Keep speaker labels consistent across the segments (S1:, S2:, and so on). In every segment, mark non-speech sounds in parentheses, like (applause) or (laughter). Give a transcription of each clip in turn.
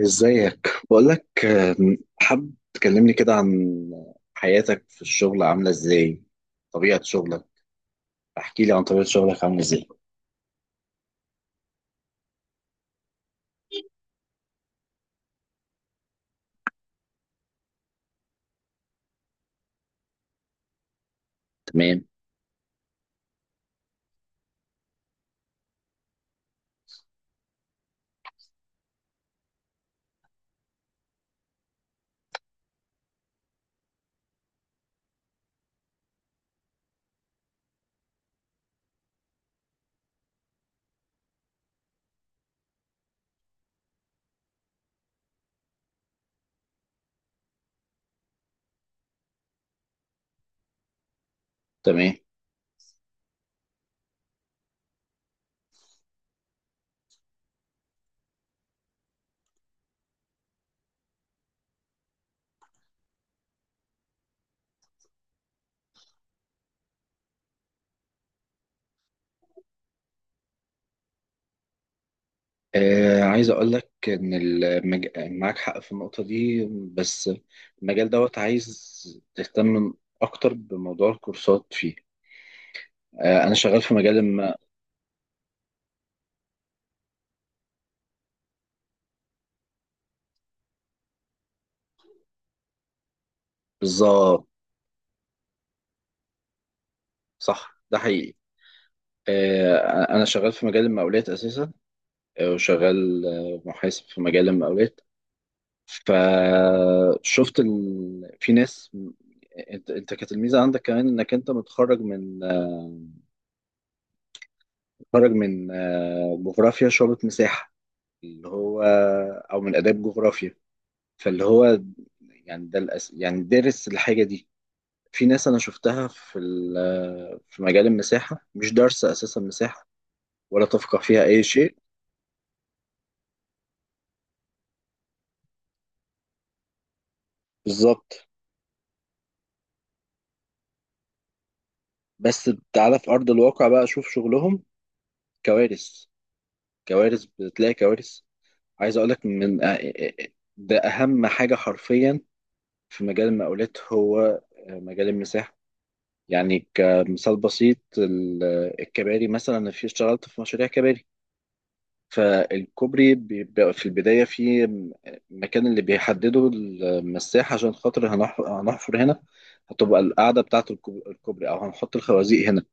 S1: ازيك؟ بقولك، حابب تكلمني كده عن حياتك في الشغل عاملة ازاي. طبيعة شغلك. احكي لي عن طبيعة شغلك عاملة ازاي. تمام. تمام. آه، عايز اقولك ان المج... معاك حق في النقطة دي. بس المجال دوت عايز تهتم اكتر بموضوع الكورسات فيه. آه، انا شغال في مجال الم... بالظبط. صح، ده حقيقي. آه، انا شغال في مجال المقاولات اساسا. وشغال محاسب في مجال المقاولات. فشفت ال... في ناس، انت كانت الميزه عندك كمان انك انت متخرج من، متخرج من جغرافيا شعبة مساحه، اللي هو او من اداب جغرافيا، فاللي هو يعني ده الأس... يعني دارس الحاجه دي. في ناس انا شفتها في ال... آه، في مجال المساحه، مش دارسه اساسا مساحه، ولا تفقه فيها اي شيء. بالظبط. بس تعالى في ارض الواقع بقى، شوف شغلهم. كوارث. كوارث، بتلاقي كوارث. عايز اقول لك ده اهم حاجه حرفيا في مجال المقاولات، هو مجال المساحه. يعني كمثال بسيط الكباري مثلا، أنا في اشتغلت في مشاريع كباري. فالكوبري بيبقى في البدايه في المكان اللي بيحدده المساحه، عشان خاطر هنحفر هنا، هتبقى القاعده بتاعه الكوبري، او هنحط الخوازيق هنا.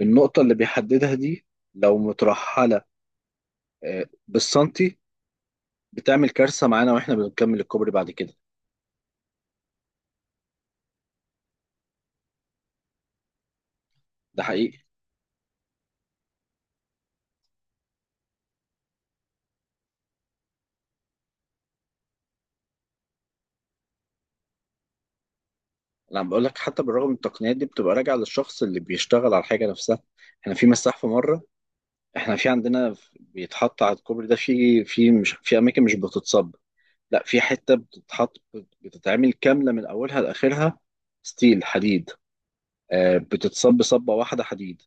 S1: النقطه اللي بيحددها دي، لو مترحله بالسنتي، بتعمل كارثه معانا واحنا بنكمل الكوبري بعد كده. ده حقيقي. انا بقول لك، حتى بالرغم من التقنيات دي، بتبقى راجعه للشخص اللي بيشتغل على الحاجه نفسها. احنا في مساح في مره، احنا في عندنا بيتحط على الكوبري ده في مش في اماكن مش بتتصب، لا، في حته بتتحط، بتتعمل كامله من اولها لاخرها، ستيل، حديد. بتتصب صبه واحده حديد،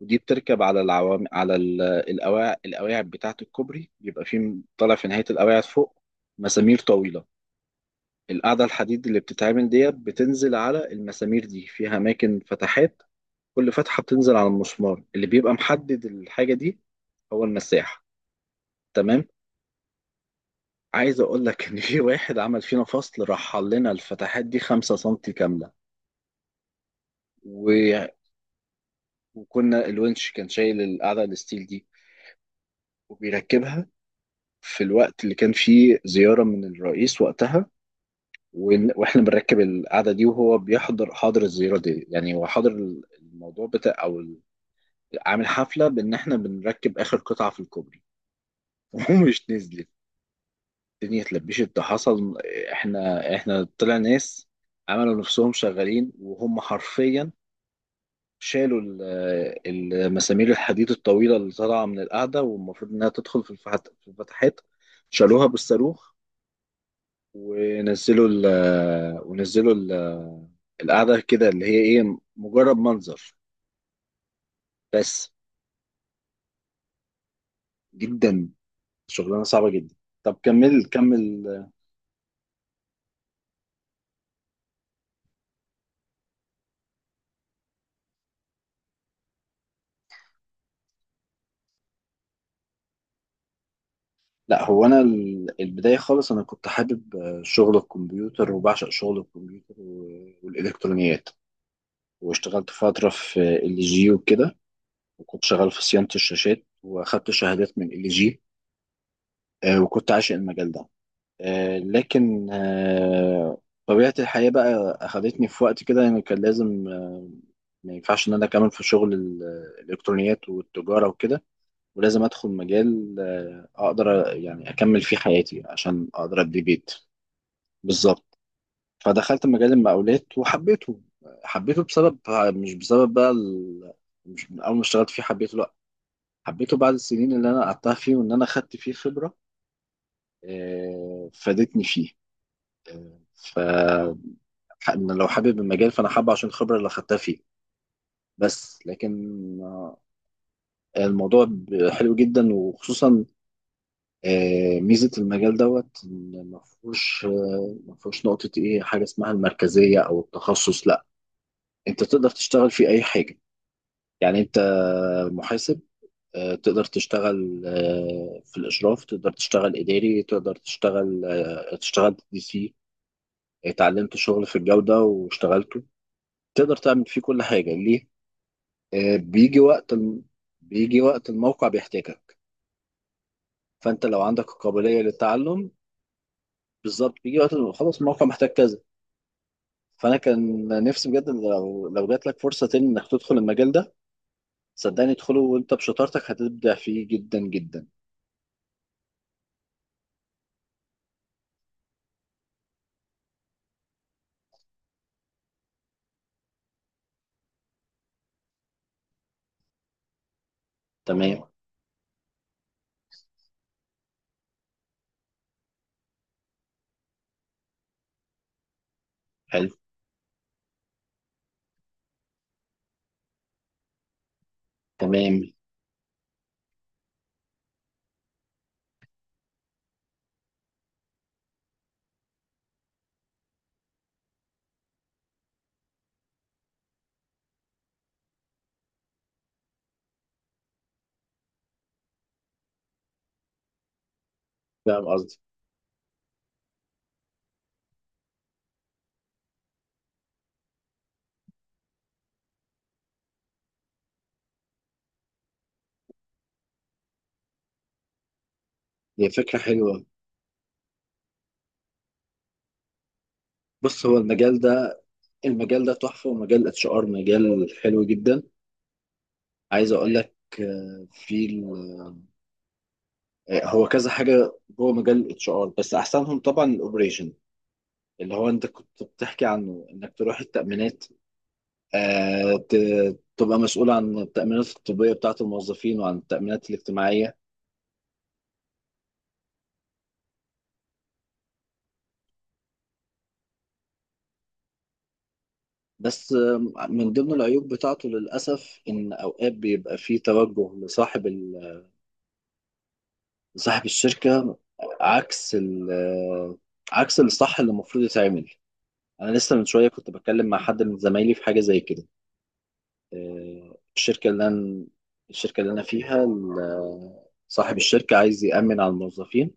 S1: ودي بتركب على العوام على القواعد بتاعه الكوبري. بيبقى في طالع في نهايه القواعد فوق مسامير طويله. القاعدة الحديد اللي بتتعمل ديت بتنزل على المسامير دي، فيها أماكن فتحات، كل فتحة بتنزل على المسمار، اللي بيبقى محدد الحاجة دي هو المساح. تمام. عايز أقول لك إن في واحد عمل فينا فصل، رحل لنا الفتحات دي 5 سنتي كاملة، و- وكنا الونش كان شايل القاعدة الستيل دي وبيركبها، في الوقت اللي كان فيه زيارة من الرئيس وقتها. واحنا بنركب القعده دي، وهو بيحضر، حاضر الزياره دي، يعني هو حاضر الموضوع بتاع او عامل حفلة بإن إحنا بنركب آخر قطعة في الكوبري. (laughs) ومش نزلت. الدنيا اتلبشت، ده حصل. إحنا طلع ناس عملوا نفسهم شغالين، وهم حرفيا شالوا المسامير الحديد الطويلة اللي طالعة من القاعدة، والمفروض إنها تدخل في الفتحات. شالوها بالصاروخ. ونزلوا ال ونزلوا ال- القاعدة كده، اللي هي إيه، مجرد منظر. بس. جدا. شغلانة صعبة جدا. طب كمل، كمل. لا، هو انا البدايه خالص انا كنت حابب شغل الكمبيوتر، وبعشق شغل الكمبيوتر والالكترونيات، واشتغلت فتره في LG وكده. وكنت شغال في صيانه الشاشات، واخدت شهادات من LG، وكنت عاشق المجال ده. لكن طبيعه الحياه بقى اخدتني في وقت كده، يعني كان لازم، ما ينفعش ان انا اكمل في شغل الالكترونيات والتجاره وكده، ولازم ادخل مجال، اقدر يعني اكمل فيه حياتي عشان اقدر ابني بيت. بالظبط. فدخلت مجال المقاولات وحبيته. حبيته بسبب، مش بسبب بقى ال... مش من اول ما اشتغلت فيه حبيته، لا، حبيته بعد السنين اللي انا قعدتها فيه، وان انا خدت فيه خبرة فادتني فيه. آه، ف أنا لو حابب المجال، فانا حابه عشان الخبرة اللي خدتها فيه، بس لكن، آه، الموضوع حلو جدا، وخصوصا ميزة المجال دوت، إن ما فيهوش نقطة، إيه، حاجة اسمها المركزية أو التخصص، لا، أنت تقدر تشتغل في أي حاجة. يعني انت محاسب، تقدر تشتغل في الاشراف، تقدر تشتغل اداري، تقدر تشتغل DC، اتعلمت شغل في الجودة واشتغلته. تقدر تعمل فيه كل حاجة، ليه؟ بيجي وقت الم... بيجي وقت الموقع بيحتاجك، فانت لو عندك القابلية للتعلم. بالظبط. بيجي وقت خلاص الموقع محتاج كذا. فانا كان نفسي بجد إن لو جات لك فرصة تاني انك تدخل المجال ده، صدقني ادخله، وانت بشطارتك هتبدع فيه جدا جدا. تمام. حلو. تمام. فاهم قصدي. هي فكرة حلوة. بص، هو المجال ده، المجال ده تحفة، ومجال HR مجال حلو جدا. عايز اقول لك، آه، في ال- آه، هو كذا حاجة جوه مجال HR، بس احسنهم طبعا الاوبريشن، اللي هو انت كنت بتحكي عنه، انك تروح التأمينات، تبقى مسؤول عن التأمينات الطبية بتاعة الموظفين، وعن التأمينات الاجتماعية. بس من ضمن العيوب بتاعته للأسف، إن أوقات بيبقى فيه توجه لصاحب الشركة، عكس ال عكس الصح اللي المفروض يتعمل. أنا لسه من شوية كنت بتكلم مع حد من زمايلي في حاجة زي كده. آه، الشركة اللي أنا الشركة اللي أنا فيها صاحب الشركة عايز يأمن على الموظفين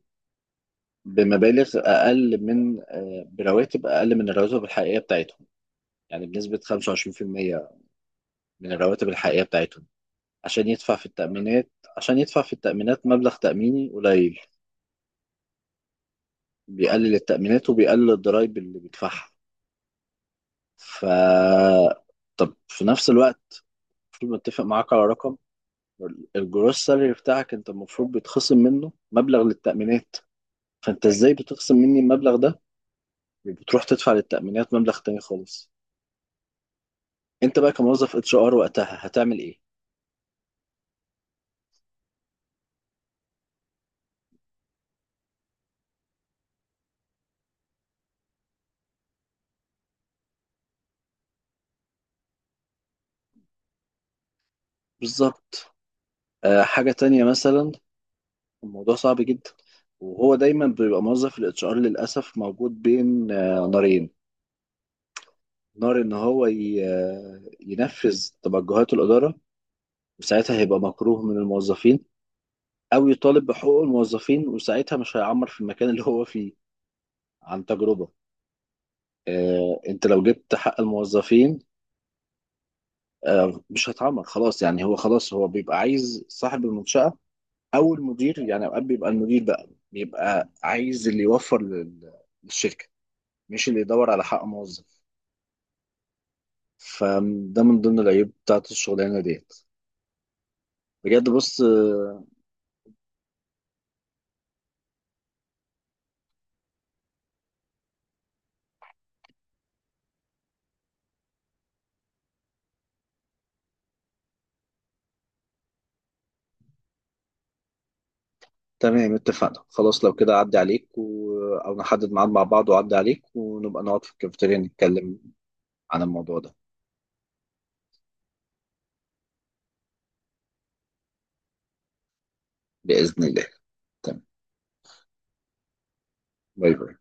S1: بمبالغ أقل من آه، برواتب أقل من الرواتب الحقيقية بتاعتهم، يعني بنسبة 25% من الرواتب الحقيقية بتاعتهم، عشان يدفع في التأمينات، عشان يدفع في التأمينات مبلغ تأميني قليل، بيقلل التأمينات وبيقلل الضرايب اللي بيدفعها. ف طب في نفس الوقت المفروض متفق معاك على رقم، الجروس سالري بتاعك انت المفروض بيتخصم منه مبلغ للتأمينات. فانت ازاي بتخصم مني المبلغ ده، وبتروح تدفع للتأمينات مبلغ تاني خالص؟ انت بقى كموظف HR وقتها هتعمل ايه؟ بالظبط. حاجة تانية مثلا، الموضوع صعب جدا. وهو دايما بيبقى موظف الHR للأسف موجود بين نارين، نار ان هو ينفذ توجهات الإدارة وساعتها هيبقى مكروه من الموظفين، أو يطالب بحقوق الموظفين وساعتها مش هيعمر في المكان اللي هو فيه. عن تجربة. أنت لو جبت حق الموظفين مش هتعمر خلاص، يعني هو خلاص هو بيبقى عايز صاحب المنشأة، أو المدير، يعني أوقات بيبقى المدير بقى بيبقى عايز اللي يوفر للشركة، مش اللي يدور على حق موظف. فده من ضمن العيوب بتاعت الشغلانة ديت. بجد. بص، تمام اتفقنا، خلاص لو كده أعدي عليك، أو نحدد ميعاد مع بعض وأعدي عليك، ونبقى نقعد في الكافيتيريا نتكلم عن الموضوع ده. بإذن الله. تمام. باي باي.